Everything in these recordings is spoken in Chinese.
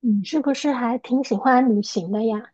你是不是还挺喜欢旅行的呀？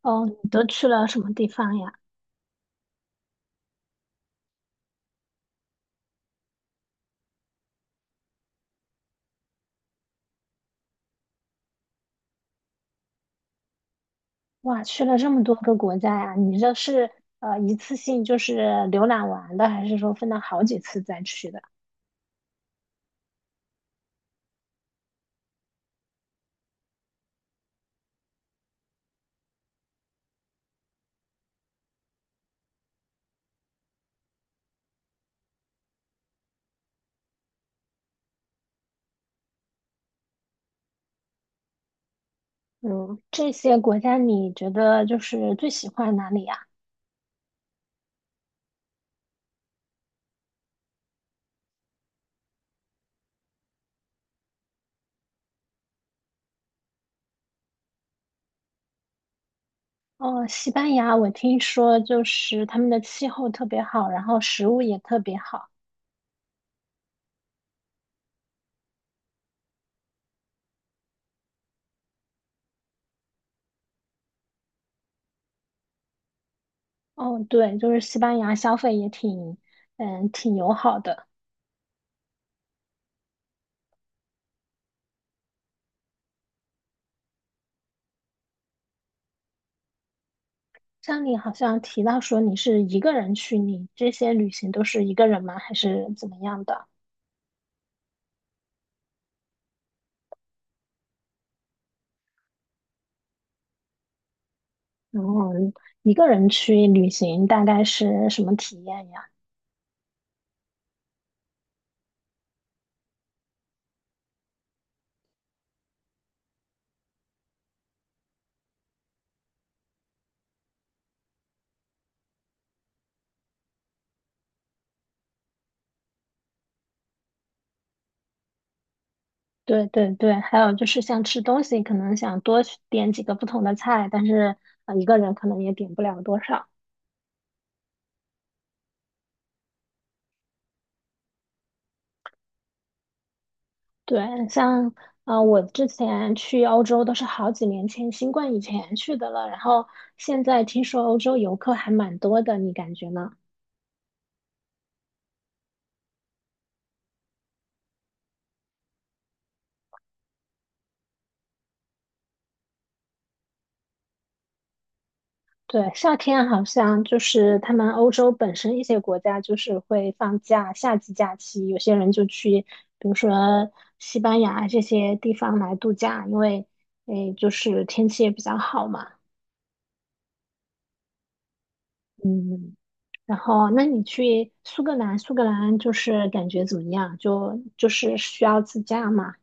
哦，你都去了什么地方呀？哇，去了这么多个国家呀！你这是一次性就是浏览完的，还是说分了好几次再去的？嗯，这些国家你觉得就是最喜欢哪里呀？哦，西班牙，我听说就是他们的气候特别好，然后食物也特别好。哦，对，就是西班牙消费也挺友好的。像你好像提到说你是一个人去，你这些旅行都是一个人吗？还是怎么样的？然后一个人去旅行大概是什么体验呀？对对对，还有就是像吃东西，可能想多去点几个不同的菜，但是一个人可能也点不了多少。对，像我之前去欧洲都是好几年前，新冠以前去的了。然后现在听说欧洲游客还蛮多的，你感觉呢？对，夏天好像就是他们欧洲本身一些国家就是会放假，夏季假期，有些人就去，比如说西班牙这些地方来度假，因为就是天气也比较好嘛。嗯，然后那你去苏格兰，苏格兰就是感觉怎么样？就是需要自驾嘛？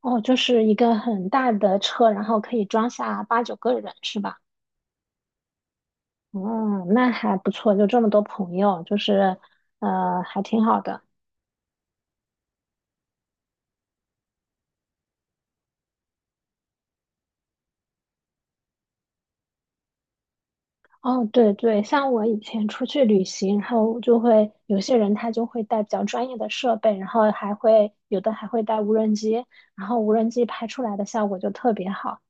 哦，就是一个很大的车，然后可以装下八九个人，是吧？哦，那还不错，就这么多朋友，就是，还挺好的。哦，对对，像我以前出去旅行，然后就会有些人他就会带比较专业的设备，然后还会有的还会带无人机，然后无人机拍出来的效果就特别好。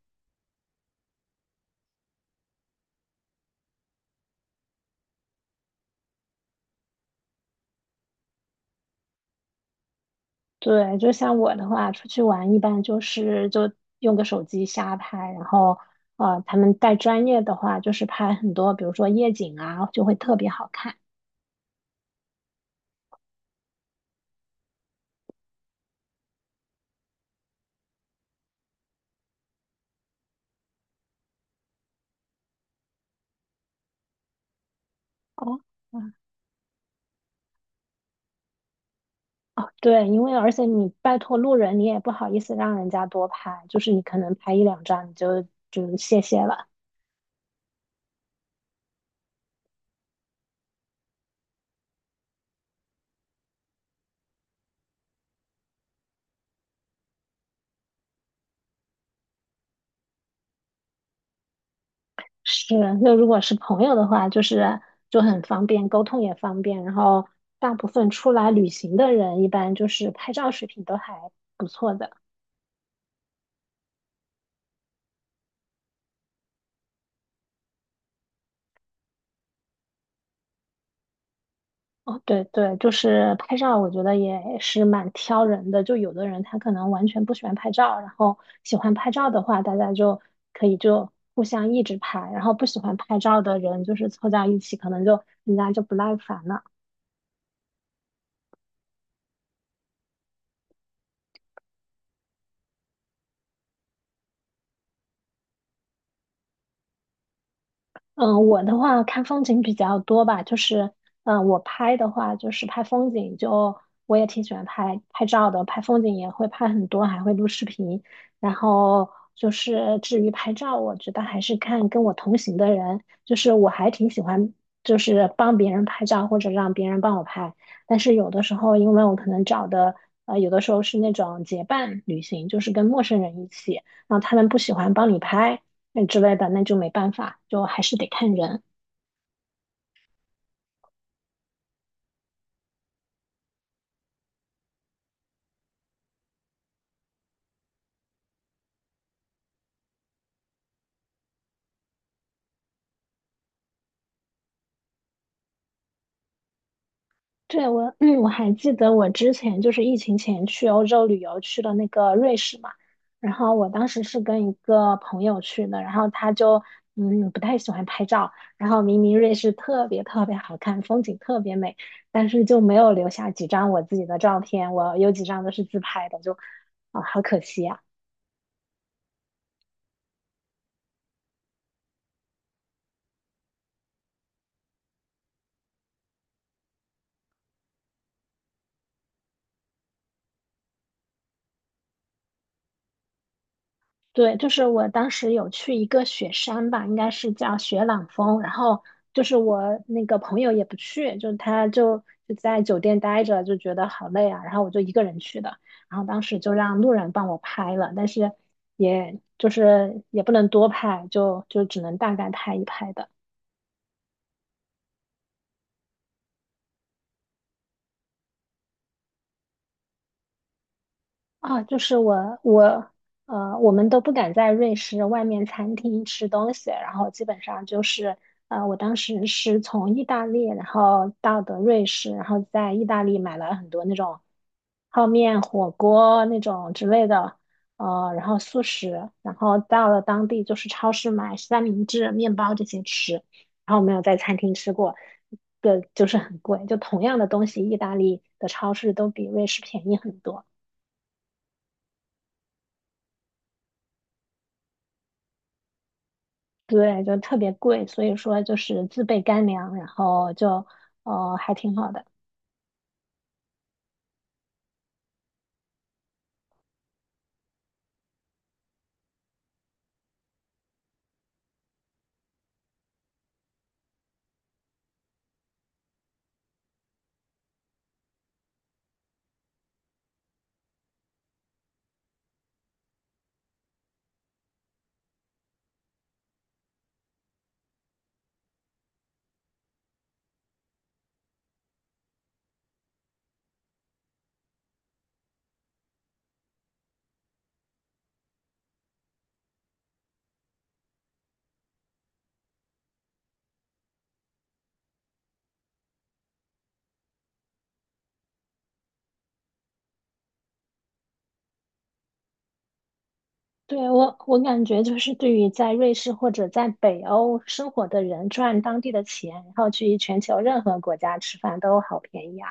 对，就像我的话，出去玩一般就用个手机瞎拍，然后，他们带专业的话，就是拍很多，比如说夜景啊，就会特别好看。哦。哦，对，因为而且你拜托路人，你也不好意思让人家多拍，就是你可能拍一两张你就谢谢了。是，那如果是朋友的话，就很方便，沟通也方便。然后大部分出来旅行的人，一般就是拍照水平都还不错的。哦，对对，就是拍照，我觉得也是蛮挑人的。就有的人他可能完全不喜欢拍照，然后喜欢拍照的话，大家就可以就互相一直拍，然后不喜欢拍照的人就是凑在一起，可能就人家就不耐烦了。嗯，我的话看风景比较多吧，就是，我拍的话就是拍风景就，我也挺喜欢拍拍照的，拍风景也会拍很多，还会录视频。然后就是至于拍照，我觉得还是看跟我同行的人，就是我还挺喜欢就是帮别人拍照或者让别人帮我拍。但是有的时候，因为我可能找的，有的时候是那种结伴旅行，就是跟陌生人一起，然后他们不喜欢帮你拍。之类的，那就没办法，就还是得看人。对，我还记得我之前就是疫情前去欧洲旅游去了那个瑞士嘛，然后我当时是跟一个朋友去的，然后他就不太喜欢拍照，然后明明瑞士特别特别好看，风景特别美，但是就没有留下几张我自己的照片，我有几张都是自拍的，就好可惜呀。对，就是我当时有去一个雪山吧，应该是叫雪朗峰，然后就是我那个朋友也不去，就他就在酒店待着，就觉得好累啊，然后我就一个人去的，然后当时就让路人帮我拍了，但是也就是也不能多拍，就只能大概拍一拍的。啊，就是我我我们都不敢在瑞士外面餐厅吃东西，然后基本上就是我当时是从意大利，然后到的瑞士，然后在意大利买了很多那种泡面、火锅那种之类的，然后速食，然后到了当地就是超市买三明治、面包这些吃，然后没有在餐厅吃过的，就是很贵，就同样的东西，意大利的超市都比瑞士便宜很多。对，就特别贵，所以说就是自备干粮，然后就还挺好的。对，我感觉就是对于在瑞士或者在北欧生活的人，赚当地的钱，然后去全球任何国家吃饭都好便宜啊。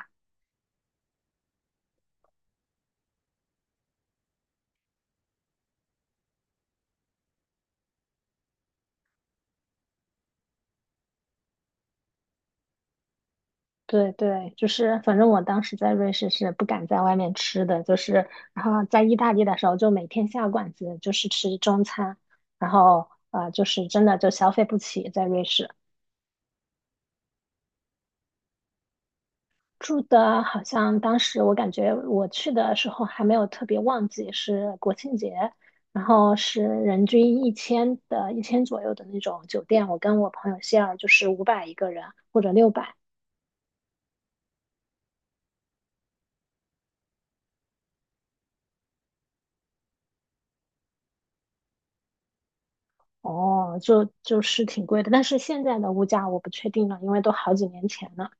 对对，就是反正我当时在瑞士是不敢在外面吃的，就是然后在意大利的时候就每天下馆子，就是吃中餐，然后就是真的就消费不起在瑞士。住的好像当时我感觉我去的时候还没有特别旺季，是国庆节，然后是人均一千的一千左右的那种酒店，我跟我朋友希尔就是500一个人或者600。哦，就是挺贵的，但是现在的物价我不确定了，因为都好几年前了。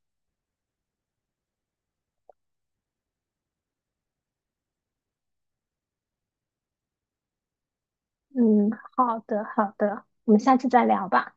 嗯，好的好的，我们下次再聊吧。